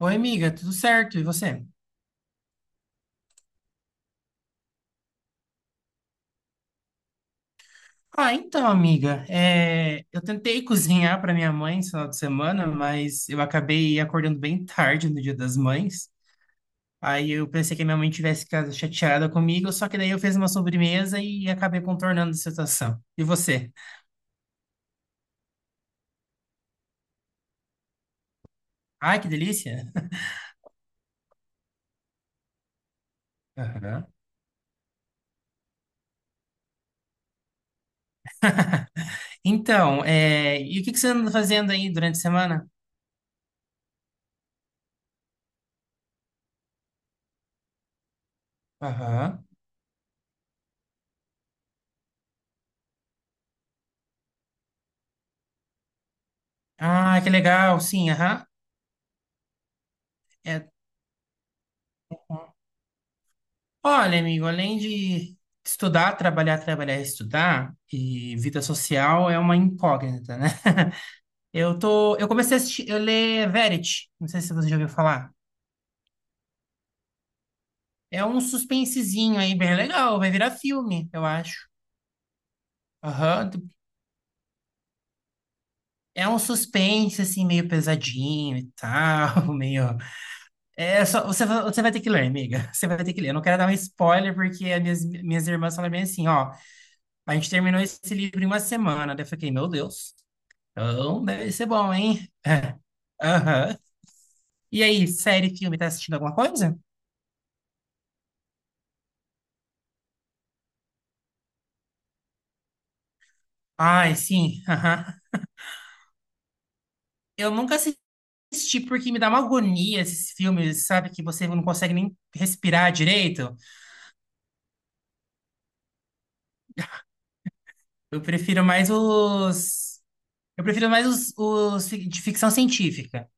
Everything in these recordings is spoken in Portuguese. Oi, amiga, tudo certo? E você? Ah, então, amiga, eu tentei cozinhar para minha mãe esse final de semana, mas eu acabei acordando bem tarde no Dia das Mães. Aí eu pensei que minha mãe tivesse ficado chateada comigo, só que daí eu fiz uma sobremesa e acabei contornando a situação. E você? Ai, que delícia! Aham. Então, e o que que você anda fazendo aí durante a semana? Aham. Ah, que legal, sim, aham. É. Olha, amigo, além de estudar, trabalhar, trabalhar, estudar, e vida social é uma incógnita, né? Eu tô, eu comecei a assistir, eu ler Verity, não sei se você já ouviu falar. É um suspensezinho aí bem legal, vai virar filme, eu acho. Aham. É um suspense assim meio pesadinho e tal. meio. É só você, você vai ter que ler, amiga. Você vai ter que ler. Eu não quero dar um spoiler porque as minhas irmãs falaram bem assim, ó, a gente terminou esse livro em uma semana. Daí eu fiquei, meu Deus. Então, deve ser bom, hein? É, aham. E aí, série, filme, tá assistindo alguma coisa? Ai, sim. Aham. Eu nunca assisti porque me dá uma agonia esses filmes, sabe? Que você não consegue nem respirar direito. Eu prefiro mais os. Eu prefiro mais os de ficção científica.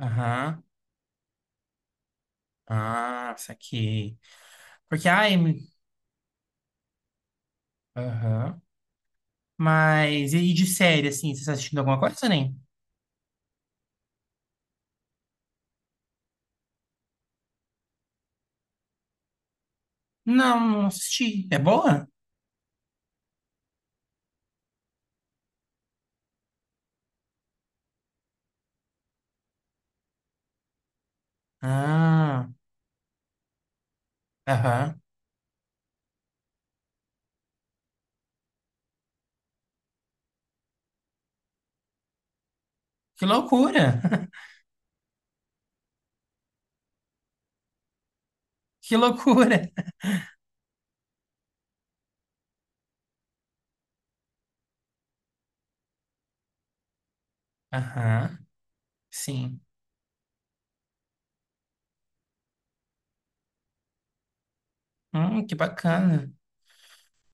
Aham. Ah, saquei. Porque, ai. Aham. Mas e de série, assim? Você tá assistindo alguma coisa, nem? Não, não assisti. É boa? Ah. Aham. Que loucura! Que loucura! Aham, sim. Que bacana.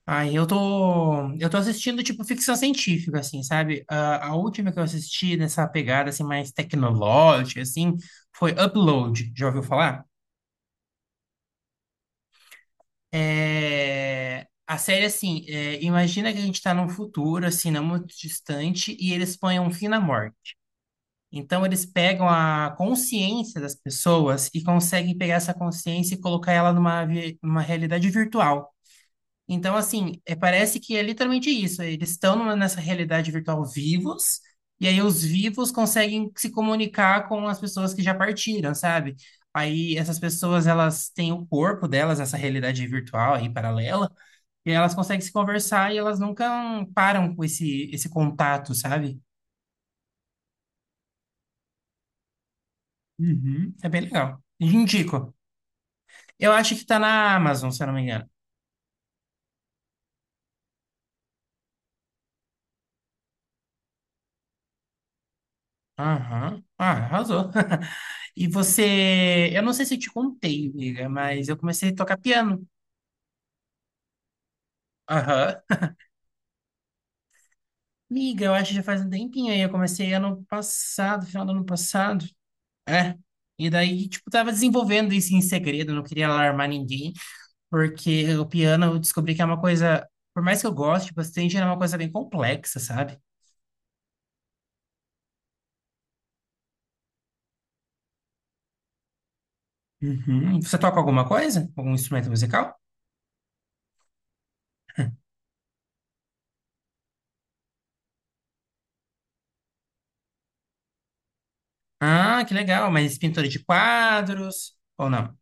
Aí eu tô assistindo, tipo, ficção científica, assim, sabe? A última que eu assisti nessa pegada, assim, mais tecnológica, assim, foi Upload. Já ouviu falar? É... A série, assim, imagina que a gente tá num futuro, assim, não muito distante, e eles põem um fim na morte. Então, eles pegam a consciência das pessoas e conseguem pegar essa consciência e colocar ela numa realidade virtual. Então, assim, é, parece que é literalmente isso. Eles estão nessa realidade virtual vivos, e aí os vivos conseguem se comunicar com as pessoas que já partiram, sabe? Aí essas pessoas, elas têm o corpo delas, essa realidade virtual aí paralela, e elas conseguem se conversar e elas nunca param com esse contato, sabe? Uhum. É bem legal. Indico. Eu acho que tá na Amazon, se eu não me engano. Aham. Ah, arrasou. E você. Eu não sei se eu te contei, amiga, mas eu comecei a tocar piano. Aham. Amiga, eu acho que já faz um tempinho aí. Eu comecei ano passado, final do ano passado. É. E daí, tipo, tava desenvolvendo isso em segredo, não queria alarmar ninguém, porque o piano eu descobri que é uma coisa. Por mais que eu goste bastante, é uma coisa bem complexa, sabe? Uhum. Você toca alguma coisa? Algum instrumento musical? Ah, que legal. Mas pintura de quadros ou não?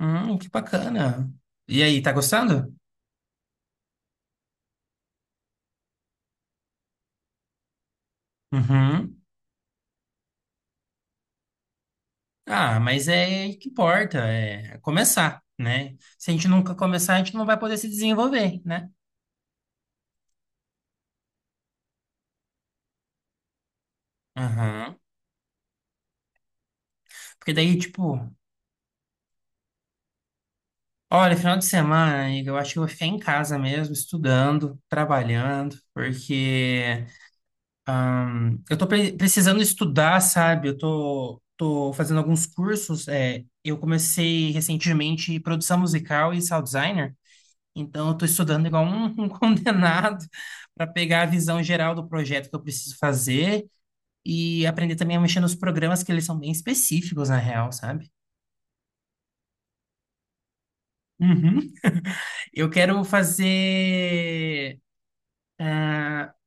Que bacana. E aí, tá gostando? Uhum. Ah, mas é que importa, é começar, né? Se a gente nunca começar, a gente não vai poder se desenvolver, né? Aham. Porque daí, tipo, olha, final de semana, amiga, eu acho que eu vou ficar em casa mesmo, estudando, trabalhando, porque eu tô precisando estudar, sabe? Eu tô, tô fazendo alguns cursos. Eu comecei recentemente produção musical e sound designer, então eu tô estudando igual um, um condenado para pegar a visão geral do projeto que eu preciso fazer e aprender também a mexer nos programas que eles são bem específicos, na real, sabe? Uhum. Eu quero fazer.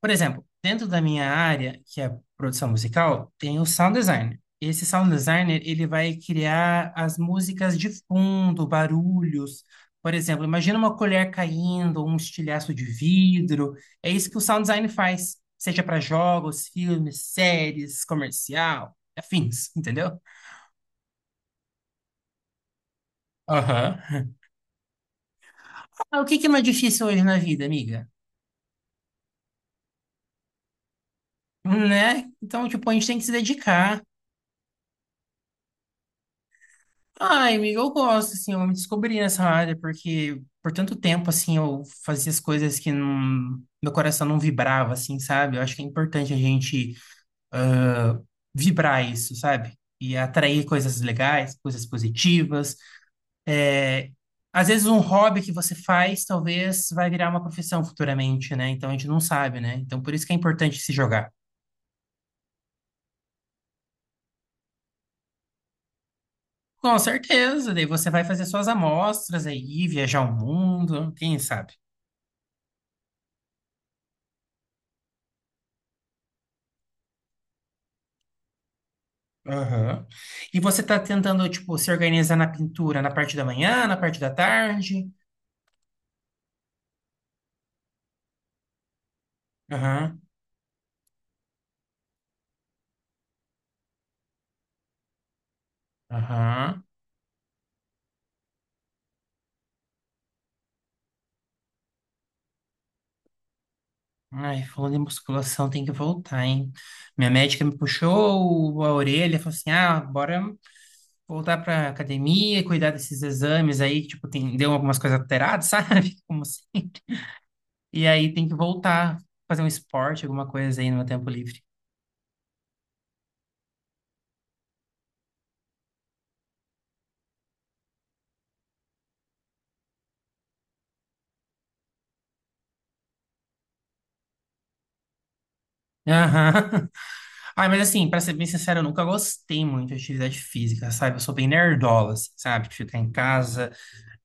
Por exemplo, dentro da minha área, que é produção musical, tem o sound designer. Esse sound designer, ele vai criar as músicas de fundo, barulhos. Por exemplo, imagina uma colher caindo, um estilhaço de vidro. É isso que o sound design faz, seja para jogos, filmes, séries, comercial, afins, entendeu? Aham. Ah, o que que não é difícil hoje na vida, amiga? Né? Então, tipo, a gente tem que se dedicar. Ai, amiga, eu gosto, assim, eu me descobri nessa área, porque por tanto tempo, assim, eu fazia as coisas que não, meu coração não vibrava, assim, sabe? Eu acho que é importante a gente vibrar isso, sabe? E atrair coisas legais, coisas positivas. Às vezes um hobby que você faz, talvez vai virar uma profissão futuramente, né? Então a gente não sabe, né? Então por isso que é importante se jogar. Com certeza, daí você vai fazer suas amostras aí, viajar o mundo, quem sabe? Aham. E você está tentando, tipo, se organizar na pintura na parte da manhã, na parte da tarde? Aham, aham. Ai, falando em musculação, tem que voltar, hein? Minha médica me puxou a orelha, falou assim: ah, bora voltar pra academia, cuidar desses exames aí, tipo, tem, deu algumas coisas alteradas, sabe? Como assim? E aí tem que voltar, fazer um esporte, alguma coisa aí no meu tempo livre. Aham. Ai, mas assim, pra ser bem sincero, eu nunca gostei muito de atividade física, sabe? Eu sou bem nerdola, assim, sabe? De ficar em casa,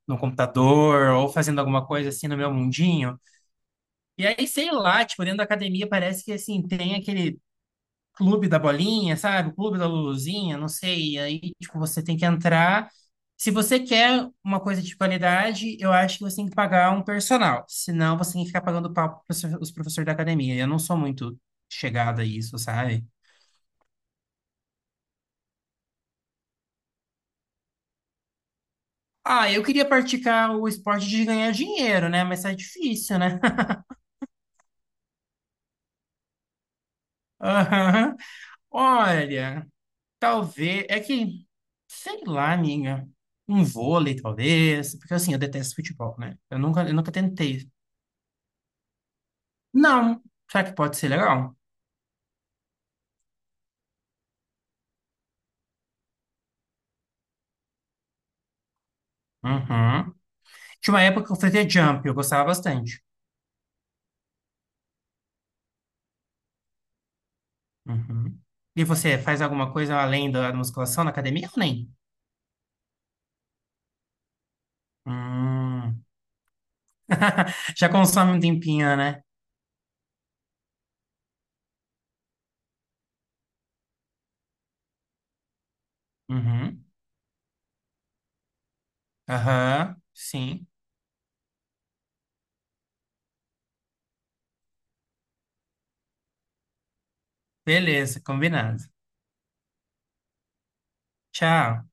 no computador, ou fazendo alguma coisa assim no meu mundinho. E aí, sei lá, tipo, dentro da academia parece que, assim, tem aquele clube da bolinha, sabe? O clube da Luluzinha, não sei. E aí, tipo, você tem que entrar. Se você quer uma coisa de qualidade, eu acho que você tem que pagar um personal. Senão, você tem que ficar pagando pau para os professores da academia. Eu não sou muito chegada a isso, sabe? Ah, eu queria praticar o esporte de ganhar dinheiro, né? Mas tá difícil, né? Aham. Olha, talvez. É que, sei lá, amiga. Um vôlei, talvez. Porque assim, eu detesto futebol, né? Eu nunca tentei. Não. Será que pode ser legal? Uhum. Tinha uma época que eu fazia jump, eu gostava bastante. Uhum. E você faz alguma coisa além da musculação na academia ou nem? Hum. Já consome um tempinho, né? Uhum. Aham. Sim. Beleza, combinado. Tchau.